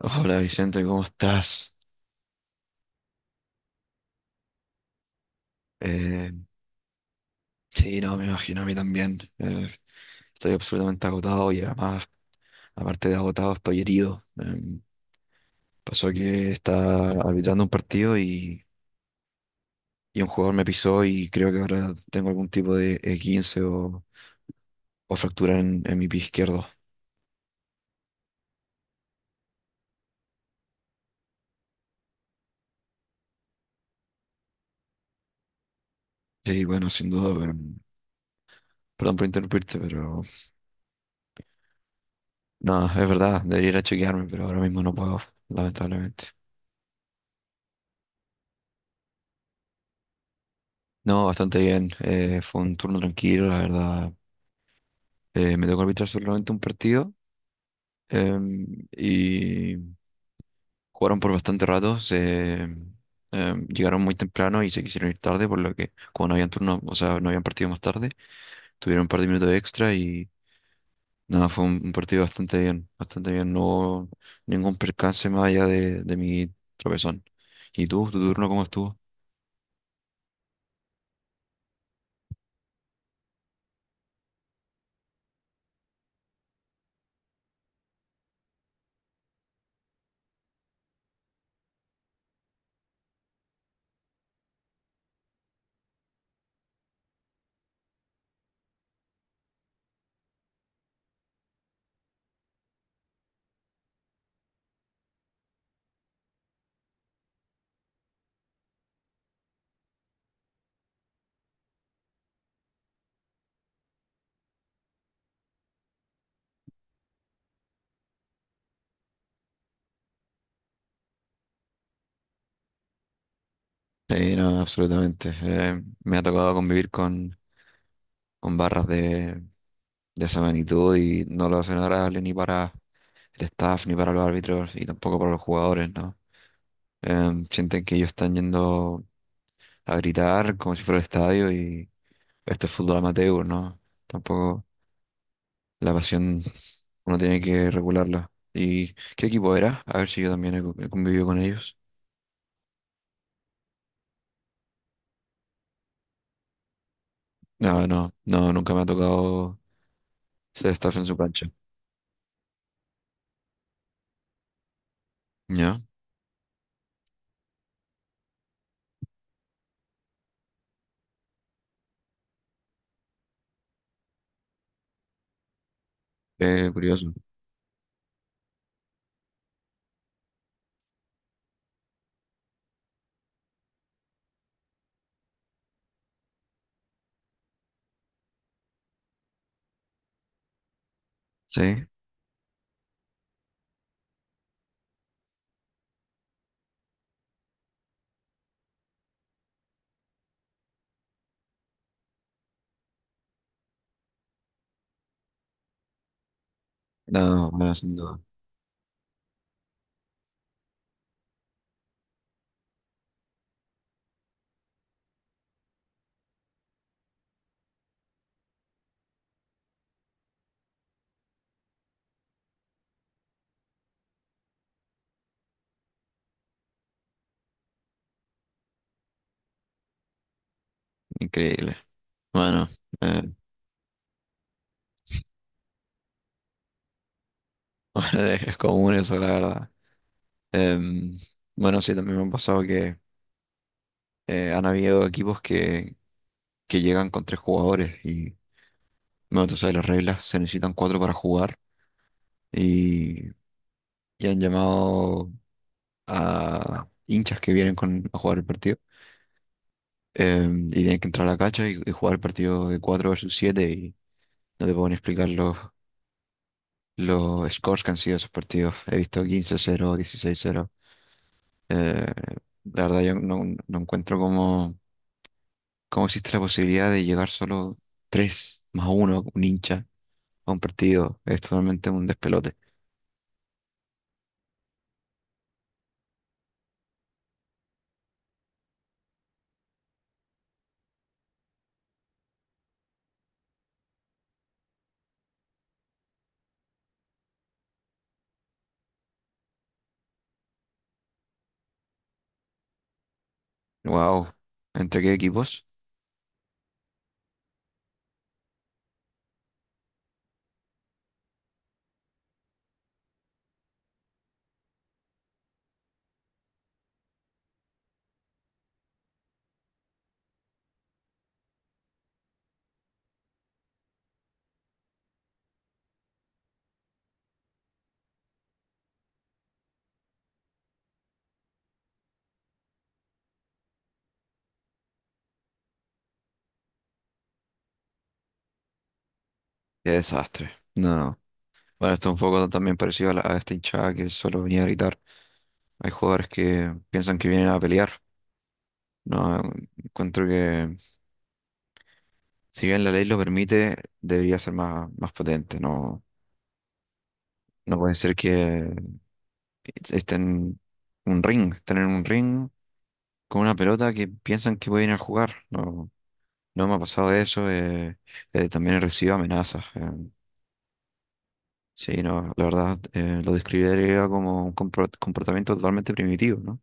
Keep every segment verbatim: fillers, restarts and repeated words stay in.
Hola Vicente, ¿cómo estás? Eh, sí, no, me imagino a mí también. Eh, estoy absolutamente agotado y además, aparte de agotado, estoy herido. Em, pasó que estaba arbitrando un partido y, y un jugador me pisó y creo que ahora tengo algún tipo de E quince o, o fractura en, en mi pie izquierdo. Sí, bueno, sin duda, pero perdón por interrumpirte, pero no, es verdad, debería ir a chequearme, pero ahora mismo no puedo, lamentablemente. No, bastante bien. Eh, fue un turno tranquilo, la verdad. Eh, me tocó arbitrar solamente un partido em, y jugaron por bastante rato. Se, em, llegaron muy temprano y se quisieron ir tarde, por lo que como no habían turno, o sea, no habían partido más tarde, tuvieron un par de minutos extra y nada, fue un, un partido bastante bien, bastante bien. No hubo ningún percance más allá de, de mi tropezón. ¿Y tú, tu turno cómo estuvo? Sí, no, absolutamente. Eh, me ha tocado convivir con con barras de, de esa magnitud y no lo hacen agradable ni para el staff, ni para los árbitros y tampoco para los jugadores, ¿no? Em, sienten que ellos están yendo a gritar como si fuera el estadio y esto es fútbol amateur, ¿no? Tampoco la pasión uno tiene que regularla. ¿Y qué equipo era? A ver si yo también he co- he convivido con ellos. No, no, no, nunca me ha tocado ser staff en su cancha. ¿Ya? Eh, curioso. Sí. No, bueno, sin duda. Increíble. Bueno, eh, bueno, es común eso, la verdad. Em, bueno, sí, también me han pasado que eh, han habido equipos que, que llegan con tres jugadores y, bueno, tú sabes, las reglas se necesitan cuatro para jugar y, y han llamado a hinchas que vienen con, a jugar el partido em, y tienen que entrar a la cancha y, y jugar el partido de cuatro versus siete y no te pueden explicar los, los scores que han sido esos partidos. He visto quince cero dieciséis cero. Eh, la verdad, yo no, no encuentro cómo, cómo existe la posibilidad de llegar solo tres más uno, un hincha, a un partido. Es totalmente un despelote. Wow. ¿Entre qué equipos? Qué desastre. No, no. Bueno, esto es un poco también parecido a la- a esta hinchada que solo venía a gritar. Hay jugadores que piensan que vienen a pelear. No, encuentro que si bien la ley lo permite, debería ser más, más potente. No, no puede ser que es- está en un ring, están en un ring con una pelota que piensan que pueden ir a jugar. No, no me ha pasado de eso. eh, eh, también he recibido amenazas. Eh, sí, no, la verdad eh, lo describiría como un compro- comportamiento totalmente primitivo, ¿no?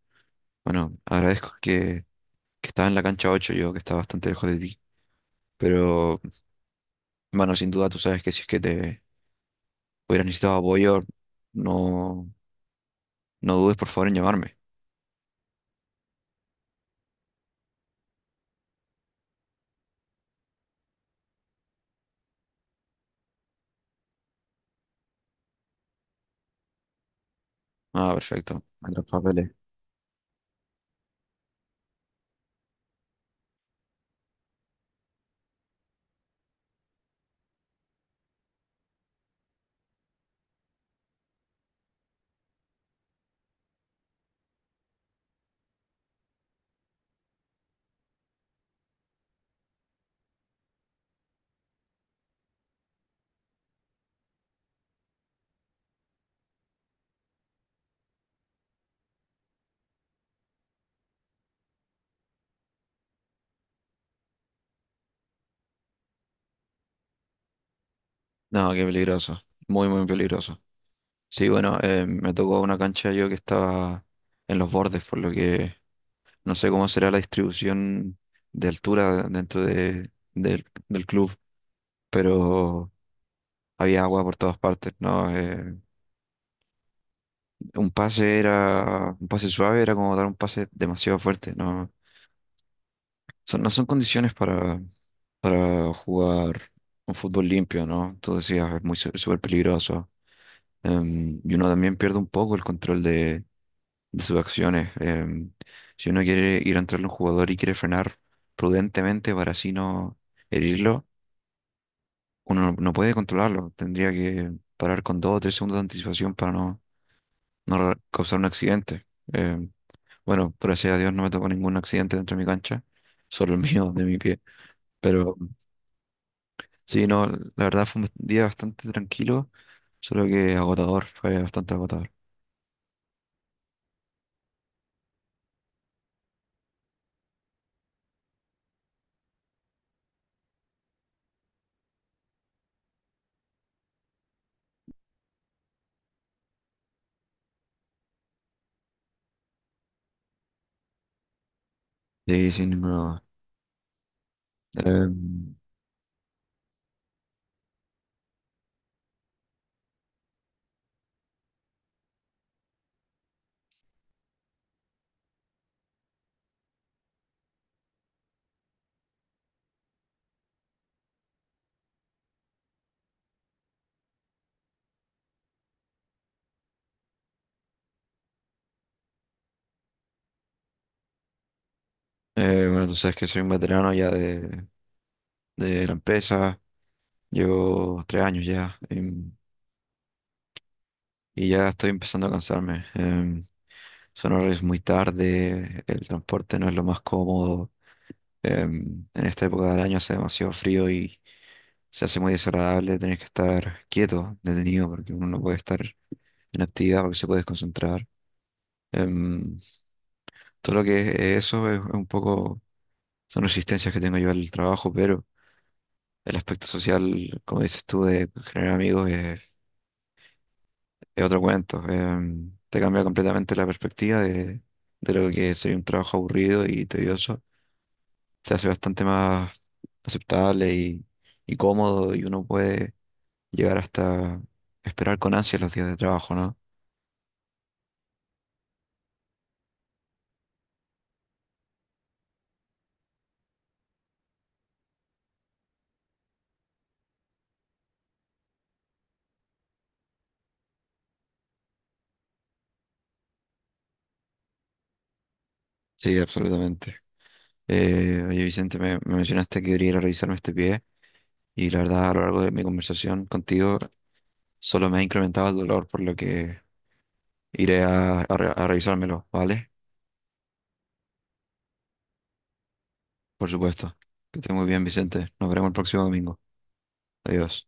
Bueno, agradezco que, que estaba en la cancha ocho, yo, que estaba bastante lejos de ti. Pero, bueno, sin duda tú sabes que si es que te hubieras necesitado apoyo, no, no dudes por favor en llamarme. Ah, perfecto. Otros papeles. No, qué peligroso. Muy, muy peligroso. Sí, bueno, eh, me tocó una cancha yo que estaba en los bordes, por lo que no sé cómo será la distribución de altura dentro de, del, del club, pero había agua por todas partes, ¿no? Eh, un pase era, un pase suave era como dar un pase demasiado fuerte, ¿no? Son- no son condiciones para, para jugar un fútbol limpio, ¿no? Tú decías, es muy su- súper peligroso. Em, y uno también pierde un poco el control de, de sus acciones. Em, si uno quiere ir a entrarle a un jugador y quiere frenar prudentemente para así no herirlo, uno no, no puede controlarlo. Tendría que parar con dos o tres segundos de anticipación para no, no re- causar un accidente. Eh, bueno, gracias a Dios no me tocó ningún accidente dentro de mi cancha, solo el mío, de mi pie. Pero sí, no, la verdad fue un día bastante tranquilo, solo que agotador, fue bastante agotador. Sí, sin ninguna duda. Em, eh, bueno, tú sabes que soy un veterano ya de, de la empresa, llevo tres años ya em, y ya estoy empezando a cansarme. Em, son horarios muy tarde, el transporte no es lo más cómodo. Em, en esta época del año hace demasiado frío y se hace muy desagradable tener que estar quieto, detenido, porque uno no puede estar en actividad porque se puede desconcentrar. Em, Todo lo que es eso es un poco, son resistencias que tengo yo al trabajo, pero el aspecto social, como dices tú, de generar amigos es, es otro cuento. Em, te cambia completamente la perspectiva de, de lo que sería un trabajo aburrido y tedioso. Se hace bastante más aceptable y, y cómodo y uno puede llegar hasta esperar con ansia los días de trabajo, ¿no? Sí, absolutamente. Eh, oye, Vicente, me, me mencionaste que debería ir a revisarme este pie y la verdad a lo largo de mi conversación contigo solo me ha incrementado el dolor, por lo que iré a, a re- a revisármelo, ¿vale? Por supuesto. Que esté muy bien, Vicente. Nos veremos el próximo domingo. Adiós.